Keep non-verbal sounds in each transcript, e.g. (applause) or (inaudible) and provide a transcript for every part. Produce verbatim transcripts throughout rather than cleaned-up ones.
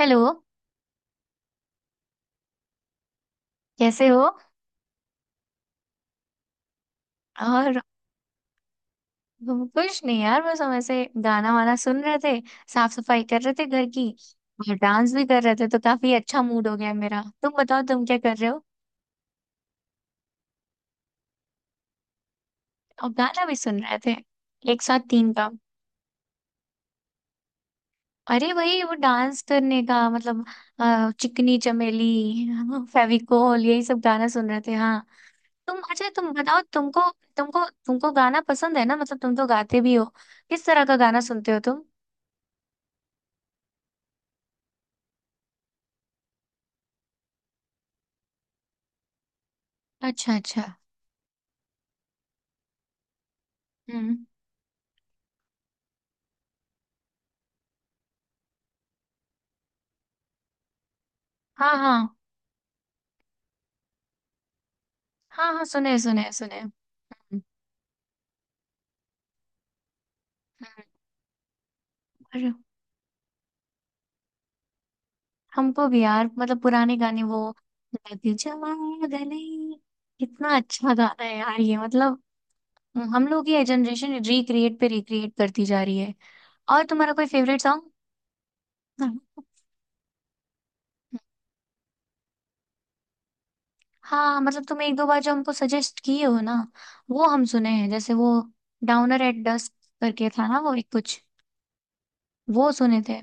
Hello. कैसे हो? और हम कुछ नहीं यार, बस हम ऐसे गाना वाना सुन रहे थे। साफ सफाई कर रहे थे घर की, और डांस भी कर रहे थे, तो काफी अच्छा मूड हो गया मेरा। तुम बताओ, तुम क्या कर रहे हो? और गाना भी सुन रहे थे। एक साथ तीन काम। अरे वही वो डांस करने का मतलब। अ, चिकनी चमेली, फेविकोल, यही सब गाना सुन रहे थे। हाँ। तुम। अच्छा, तुम बताओ। तुमको तुमको तुमको गाना पसंद है ना? मतलब तुम तो गाते भी हो। किस तरह का गाना सुनते हो तुम? अच्छा अच्छा। हम्म। हाँ हाँ। हाँ हाँ, सुने सुने सुने। हम्म। हम्म। और हमको भी यार, मतलब पुराने गाने वो। लग जवा गले, कितना अच्छा गाना है यार ये, मतलब। हम लोग, ये जनरेशन रिक्रिएट पे रिक्रिएट करती जा रही है। और तुम्हारा कोई फेवरेट सॉन्ग? हाँ मतलब तुम एक दो बार जो हमको सजेस्ट किए हो ना, वो हम सुने हैं। जैसे वो डाउनर एट डस्क करके था ना वो एक कुछ, वो सुने थे।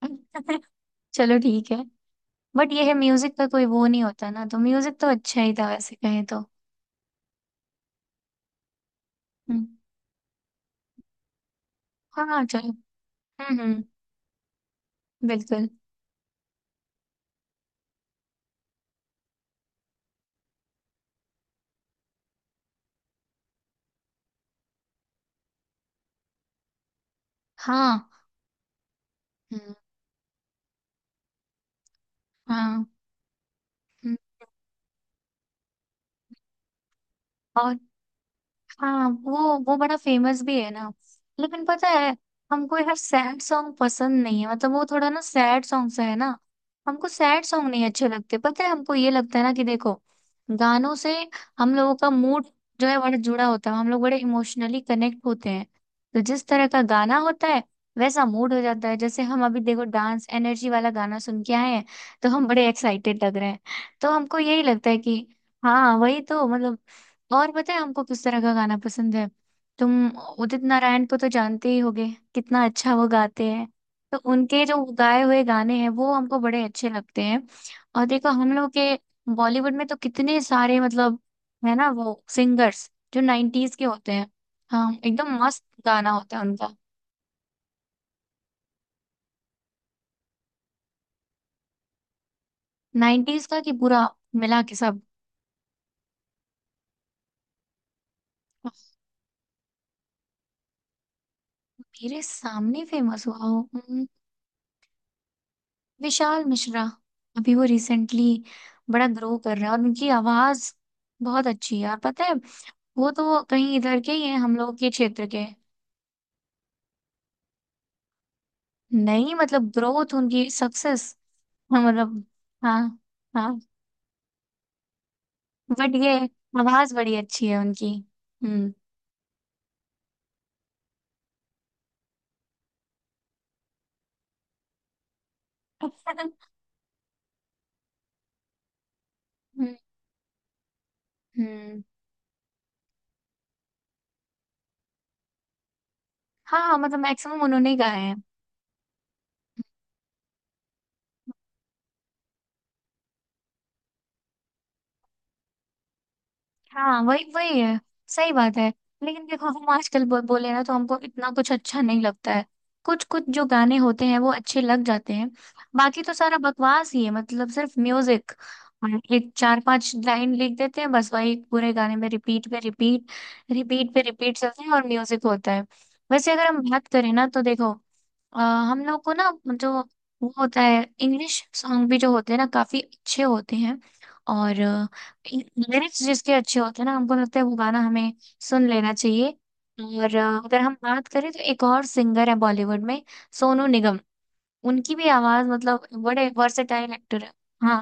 (laughs) चलो ठीक है। बट ये है, म्यूजिक का कोई वो नहीं होता ना, तो म्यूजिक तो अच्छा ही था वैसे कहें तो। हम्म। हाँ चलो। हम्म हम्म। बिल्कुल। हाँ। हम्म। हाँ। हम्म। और हाँ, वो वो बड़ा फेमस भी है ना। लेकिन पता है, हमको यार सैड सॉन्ग पसंद नहीं है। मतलब वो थोड़ा ना सैड सॉन्ग सा है ना। हमको सैड सॉन्ग नहीं अच्छे लगते। पता है, हमको ये लगता है ना कि देखो, गानों से हम लोगों का मूड जो है, बड़ा जुड़ा होता है। हम लोग बड़े इमोशनली कनेक्ट होते हैं। तो जिस तरह का गाना होता है, वैसा मूड हो जाता है। जैसे हम अभी देखो, डांस एनर्जी वाला गाना सुन के आए हैं, तो हम बड़े एक्साइटेड लग रहे हैं। तो हमको यही लगता है कि, हाँ वही तो मतलब। और पता है हमको किस तरह का गाना पसंद है? तुम उदित नारायण को तो जानते ही होगे। कितना अच्छा वो गाते हैं। तो उनके जो गाए हुए गाने हैं, वो हमको बड़े अच्छे लगते हैं। और देखो हम लोग के बॉलीवुड में तो कितने सारे, मतलब, है ना वो सिंगर्स जो नाइन्टीज के होते हैं। हाँ एकदम मस्त गाना होता है उनका। नाइन्टीज का? कि पूरा मिला के सब? मेरे सामने फेमस हुआ हो? विशाल मिश्रा। अभी वो रिसेंटली बड़ा ग्रो कर रहा है। और उनकी आवाज बहुत अच्छी है यार, पता है। वो तो कहीं इधर के ही हैं, हम लोग के क्षेत्र के। नहीं मतलब ग्रोथ, उनकी सक्सेस। मतलब। हाँ। हाँ। बट ये आवाज बड़ी अच्छी है उनकी। हम्म। (laughs) हम्म। हम्म। हाँ मतलब मैक्सिमम उन्होंने ही गाया है। हाँ, वही वही है। सही बात है। लेकिन देखो हम आजकल बो, बोले ना, तो हमको इतना कुछ अच्छा नहीं लगता है। कुछ कुछ जो गाने होते हैं वो अच्छे लग जाते हैं। बाकी तो सारा बकवास ही है, मतलब सिर्फ म्यूजिक। और एक चार पांच लाइन लिख देते हैं, बस वही पूरे गाने में रिपीट पे रिपीट, रिपीट पे रिपीट चलते हैं, और म्यूजिक होता है। वैसे अगर हम बात करें ना, तो देखो, अ, हम लोग को ना, जो वो होता है इंग्लिश सॉन्ग भी जो होते हैं ना, काफी अच्छे होते हैं। और लिरिक्स जिसके अच्छे होते हैं ना, हमको लगता है वो गाना हमें सुन लेना चाहिए। और अ, अगर हम बात करें तो एक और सिंगर है बॉलीवुड में, सोनू निगम। उनकी भी आवाज, मतलब, बड़े वर्सेटाइल एक्टर है। हाँ।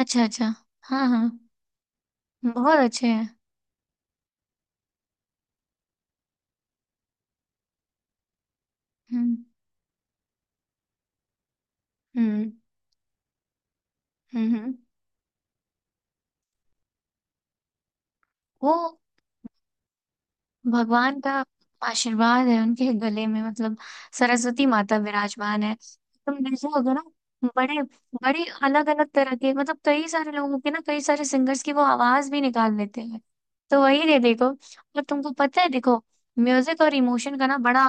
अच्छा अच्छा। हाँ हाँ। बहुत अच्छे हैं। हम्म हम्म। हम्म। हम्म। वो भगवान का आशीर्वाद है उनके गले में, मतलब सरस्वती माता विराजमान है। तुम देखोगे ना, बड़े बड़े अलग अलग तरह के, मतलब, कई सारे लोगों के ना, कई सारे सिंगर्स की वो आवाज भी निकाल लेते हैं। तो वही दे देखो। और तुमको पता है देखो, म्यूजिक और इमोशन का ना बड़ा,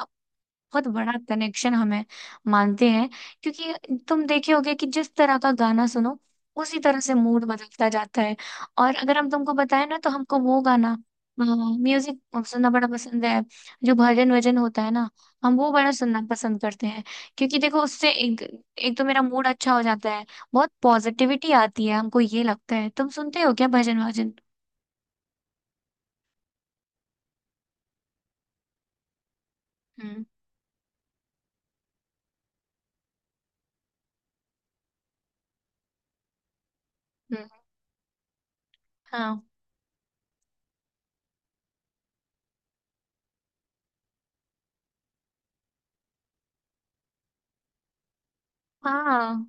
बहुत बड़ा कनेक्शन हमें मानते हैं। क्योंकि तुम देखे होगे कि जिस तरह का गाना सुनो, उसी तरह से मूड बदलता जाता है। और अगर हम तुमको बताएं ना, तो हमको वो गाना, म्यूजिक सुनना बड़ा पसंद है जो भजन वजन होता है ना, हम वो बड़ा सुनना पसंद करते हैं। क्योंकि देखो उससे एक, एक तो मेरा मूड अच्छा हो जाता है, बहुत पॉजिटिविटी आती है। हमको ये लगता है, तुम सुनते हो क्या भजन वजन? हम्म हम्म। हाँ। हाँ।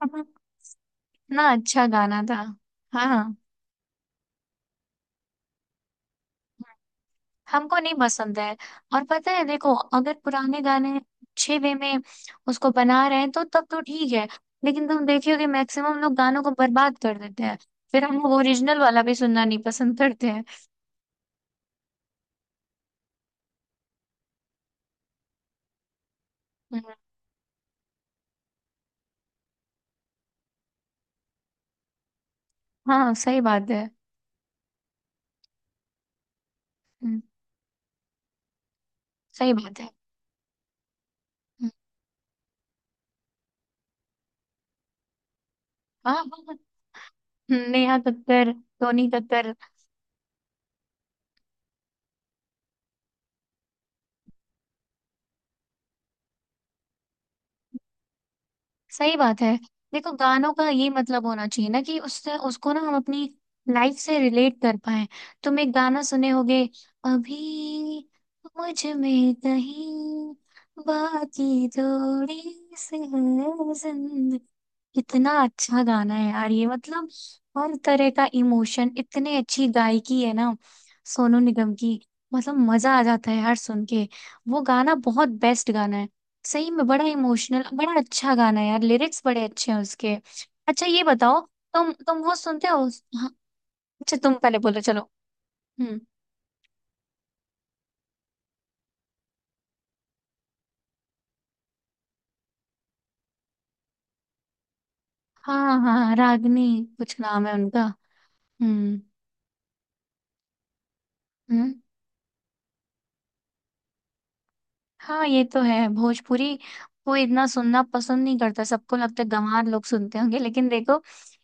(laughs) इतना अच्छा गाना था। हाँ। हमको नहीं पसंद है। और पता है देखो, अगर पुराने गाने अच्छे वे में उसको बना रहे हैं, तो तब तो ठीक है। लेकिन तुम देखियो कि मैक्सिमम लोग गानों को बर्बाद कर देते हैं। फिर हम ओरिजिनल वाला भी सुनना नहीं पसंद करते हैं। हम्म। हाँ सही बात है। हम्म। सही बात है। हम्म। हाँ। हाँ। हाँ। हम्म। नेहा कक्कर, टोनी कक्कर। सही बात है। देखो गानों का ये मतलब होना चाहिए ना, कि उससे उसको ना, हम अपनी लाइफ से रिलेट कर पाए। तुम एक गाना सुने होगे अभी, मुझ में कहीं बाकी थोड़ी सी है जिंदगी। कितना अच्छा गाना है यार ये, मतलब हर तरह का इमोशन, इतने अच्छी गायकी है ना सोनू निगम की। मतलब मजा आ जाता है हर सुन के। वो गाना बहुत बेस्ट गाना है। सही में बड़ा इमोशनल, बड़ा अच्छा गाना है यार, लिरिक्स बड़े अच्छे हैं उसके। अच्छा ये बताओ, तुम तुम वो सुनते हो? हाँ। अच्छा तुम पहले बोलो, चलो। हम्म। हाँ। हाँ रागनी कुछ नाम है उनका। हम्म। हम्म। हाँ ये तो है भोजपुरी। कोई इतना सुनना पसंद नहीं करता, सबको लगता है गंवार लोग सुनते होंगे, लेकिन देखो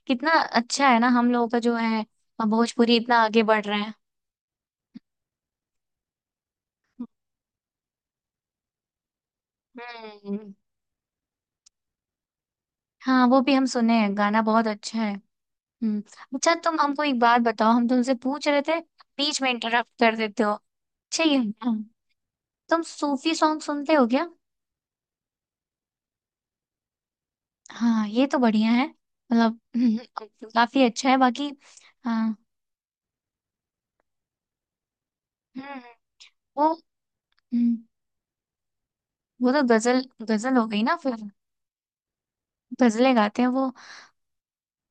कितना अच्छा है ना हम लोगों का जो है। भोजपुरी इतना आगे बढ़ रहा है। हम्म। हाँ वो भी हम सुने हैं, गाना बहुत अच्छा है। हम्म। अच्छा तुम हमको एक बात बताओ, हम तुमसे पूछ रहे थे, बीच में इंटरप्ट कर देते हो। अच्छा ये, हाँ, तुम सूफी सॉन्ग सुनते हो क्या? हाँ ये तो बढ़िया है मतलब। (laughs) हम्म। काफी अच्छा है बाकी। हाँ। हम्म। वो। हम्म। वो तो गजल, गजल हो गई ना फिर। गजलें गाते हैं वो।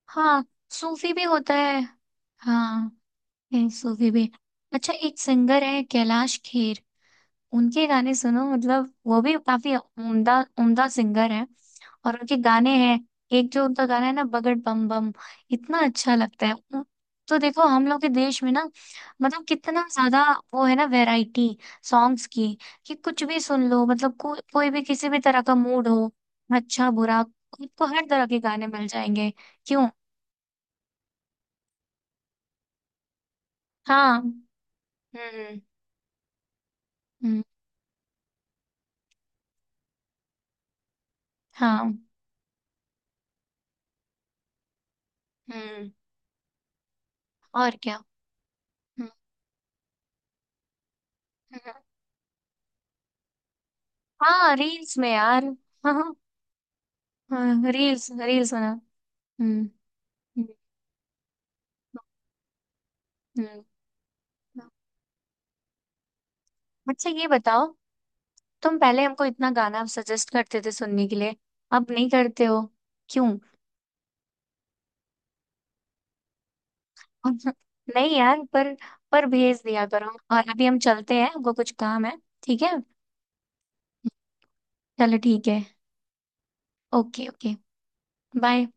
हाँ सूफी भी होता है। हाँ, ये सूफी भी। अच्छा एक सिंगर है, कैलाश खेर। उनके गाने सुनो मतलब, वो भी काफी उम्दा उम्दा सिंगर है। और उनके गाने हैं, एक जो उनका गाना है ना, बगड़ बम बम, इतना अच्छा लगता है। उम, तो देखो हम लोग के देश में ना, मतलब कितना ज्यादा वो है ना वैरायटी सॉन्ग्स की, कि कुछ भी सुन लो, मतलब को, कोई भी किसी भी तरह का मूड हो, अच्छा बुरा, आपको हर तरह के गाने मिल जाएंगे। क्यों? हाँ। हम्म हम्म। हाँ। हम्म। और क्या। हम्म। हम्म। हाँ रील्स में यार। (laughs) हाँ। हाँ रील्स, रील्स बना। हम्म हम्म। हम्म। अच्छा ये बताओ, तुम पहले हमको इतना गाना सजेस्ट करते थे सुनने के लिए, अब नहीं करते हो। क्यों? (laughs) नहीं यार, पर पर भेज दिया करो। और अभी हम चलते हैं, हमको कुछ काम है। ठीक है। चलो ठीक है। Okay okay. बाय।